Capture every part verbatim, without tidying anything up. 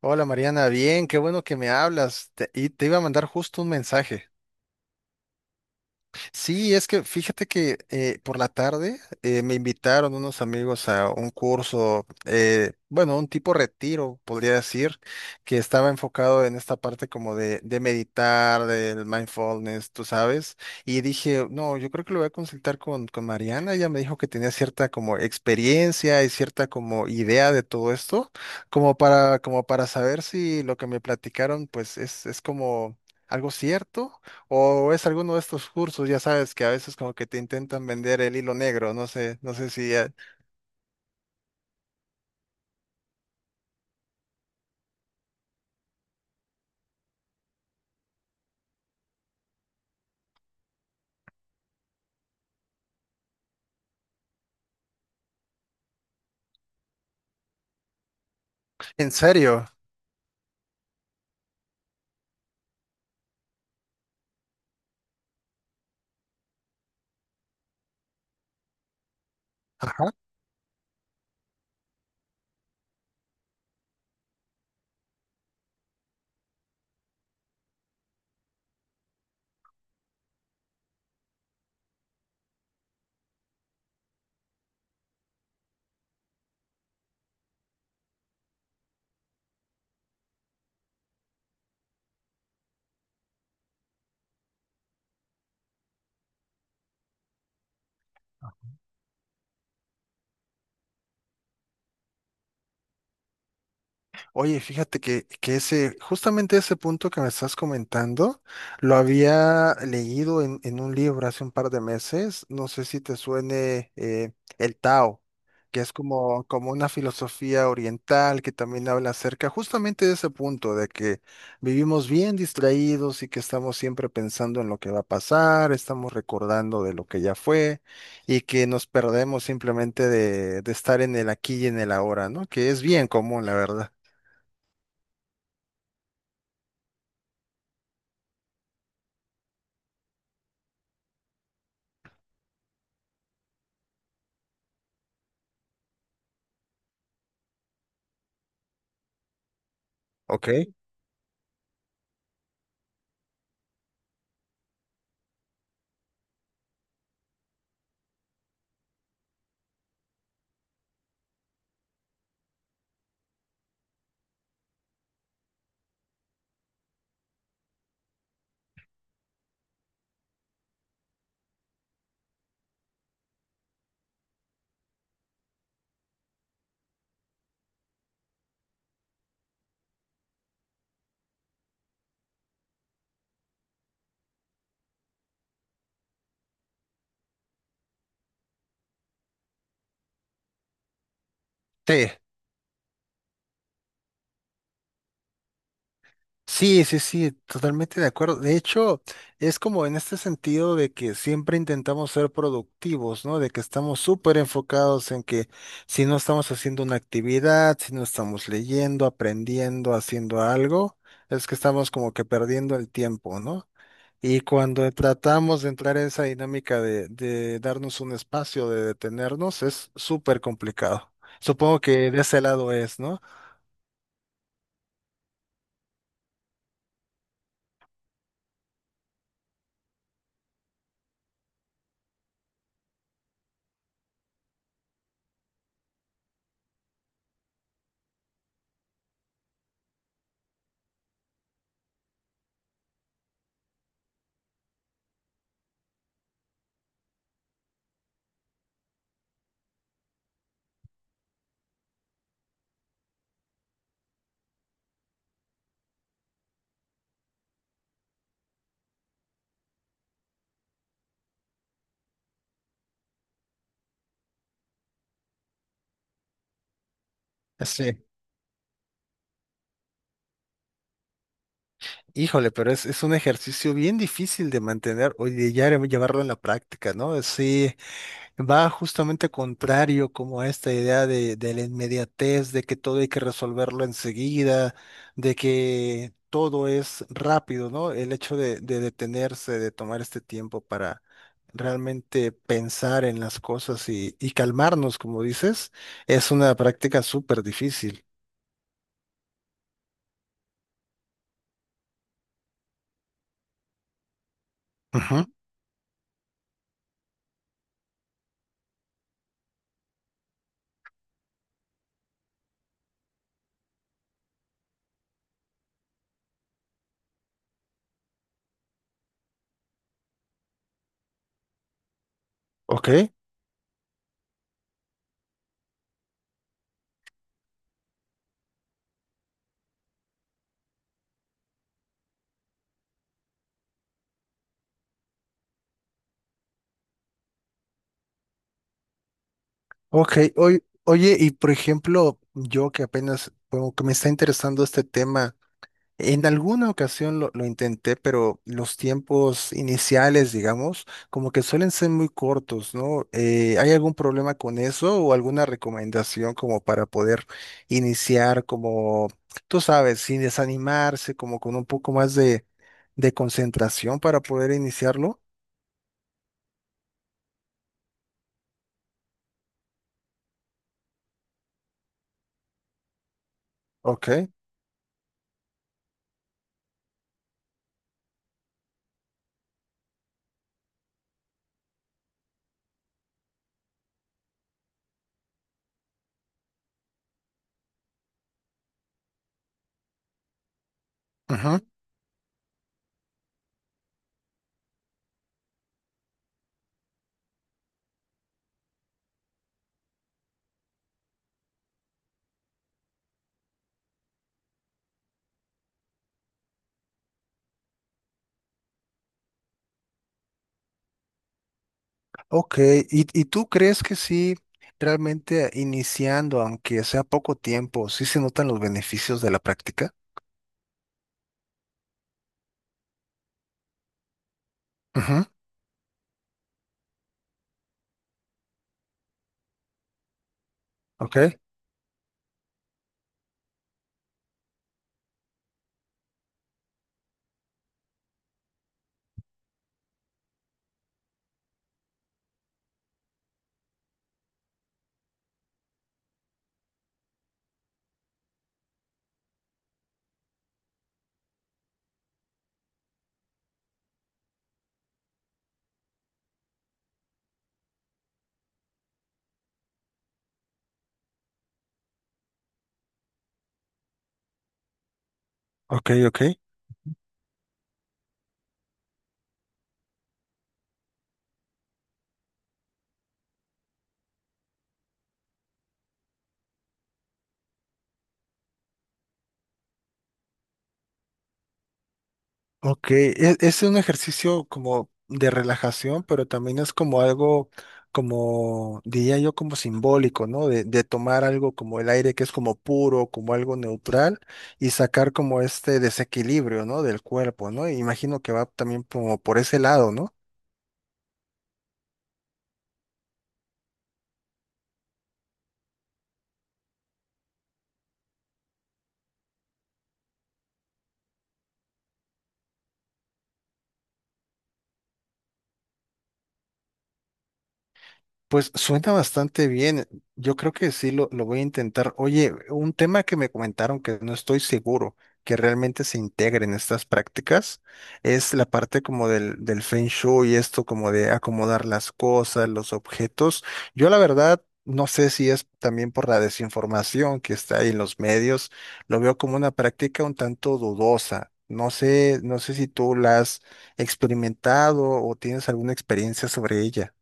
Hola Mariana, bien, qué bueno que me hablas. Te- y te iba a mandar justo un mensaje. Sí, es que fíjate que eh, por la tarde eh, me invitaron unos amigos a un curso, eh, bueno, un tipo retiro, podría decir, que estaba enfocado en esta parte como de, de meditar, del mindfulness, tú sabes, y dije, no, yo creo que lo voy a consultar con, con Mariana, ella me dijo que tenía cierta como experiencia y cierta como idea de todo esto, como para, como para saber si lo que me platicaron pues es, es como algo cierto o es alguno de estos cursos, ya sabes, que a veces como que te intentan vender el hilo negro, no sé, no sé si... eh, ¿En serio? Oye, fíjate que, que ese, justamente ese punto que me estás comentando, lo había leído en, en un libro hace un par de meses. No sé si te suene eh, el Tao, que es como, como una filosofía oriental que también habla acerca justamente de ese punto, de que vivimos bien distraídos y que estamos siempre pensando en lo que va a pasar, estamos recordando de lo que ya fue y que nos perdemos simplemente de, de estar en el aquí y en el ahora, ¿no? Que es bien común, la verdad. Ok. Sí, sí, sí, sí, totalmente de acuerdo. De hecho, es como en este sentido de que siempre intentamos ser productivos, ¿no? De que estamos súper enfocados en que si no estamos haciendo una actividad, si no estamos leyendo, aprendiendo, haciendo algo, es que estamos como que perdiendo el tiempo, ¿no? Y cuando tratamos de entrar en esa dinámica de, de darnos un espacio, de detenernos, es súper complicado. Supongo que de ese lado es, ¿no? Sí. Híjole, pero es, es un ejercicio bien difícil de mantener o de ya llevarlo en la práctica, ¿no? Sí, va justamente contrario como a esta idea de, de la inmediatez, de que todo hay que resolverlo enseguida, de que todo es rápido, ¿no? El hecho de, de detenerse, de tomar este tiempo para realmente pensar en las cosas y, y calmarnos, como dices, es una práctica súper difícil. Ujú. Ok. Ok, oy- oye, y por ejemplo, yo que apenas como que me está interesando este tema, en alguna ocasión lo, lo intenté, pero los tiempos iniciales, digamos, como que suelen ser muy cortos, ¿no? Eh, ¿hay algún problema con eso o alguna recomendación como para poder iniciar como, tú sabes, sin desanimarse, como con un poco más de, de concentración para poder iniciarlo? Ok. Ok, ¿Y, y tú crees que sí, realmente iniciando, aunque sea poco tiempo, sí se notan los beneficios de la práctica? Ujú. Ok, ok, ok. Ok, e- es un ejercicio como de relajación, pero también es como algo, como diría yo, como simbólico, ¿no? De, de tomar algo como el aire que es como puro, como algo neutral, y sacar como este desequilibrio, ¿no? Del cuerpo, ¿no? Imagino que va también como por ese lado, ¿no? Pues suena bastante bien. Yo creo que sí lo, lo voy a intentar. Oye, un tema que me comentaron que no estoy seguro que realmente se integre en estas prácticas es la parte como del, del Feng Shui y esto como de acomodar las cosas, los objetos. Yo la verdad no sé si es también por la desinformación que está ahí en los medios. Lo veo como una práctica un tanto dudosa. No sé, no sé si tú la has experimentado o tienes alguna experiencia sobre ella.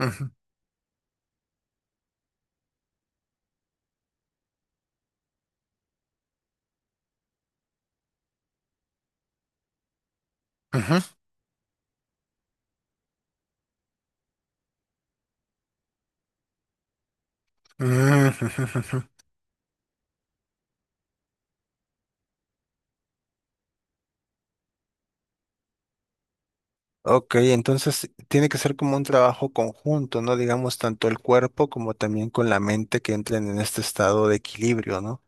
Ujú, ujú, ujú, ujú. Ok, entonces tiene que ser como un trabajo conjunto, ¿no? Digamos, tanto el cuerpo como también con la mente que entren en este estado de equilibrio, ¿no?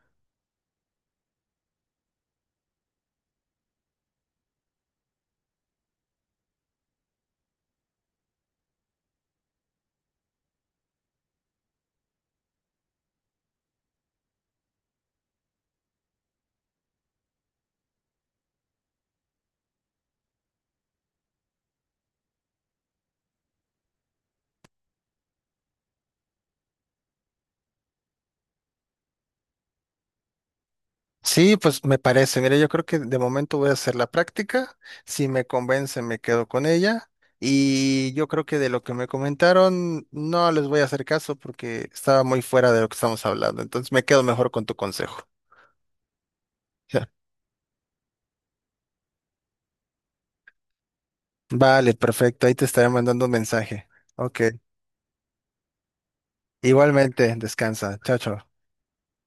Sí, pues me parece. Mira, yo creo que de momento voy a hacer la práctica. Si me convence, me quedo con ella. Y yo creo que de lo que me comentaron, no les voy a hacer caso porque estaba muy fuera de lo que estamos hablando. Entonces me quedo mejor con tu consejo. Ya. Vale, perfecto. Ahí te estaré mandando un mensaje. Ok. Igualmente, descansa. Chao, chao.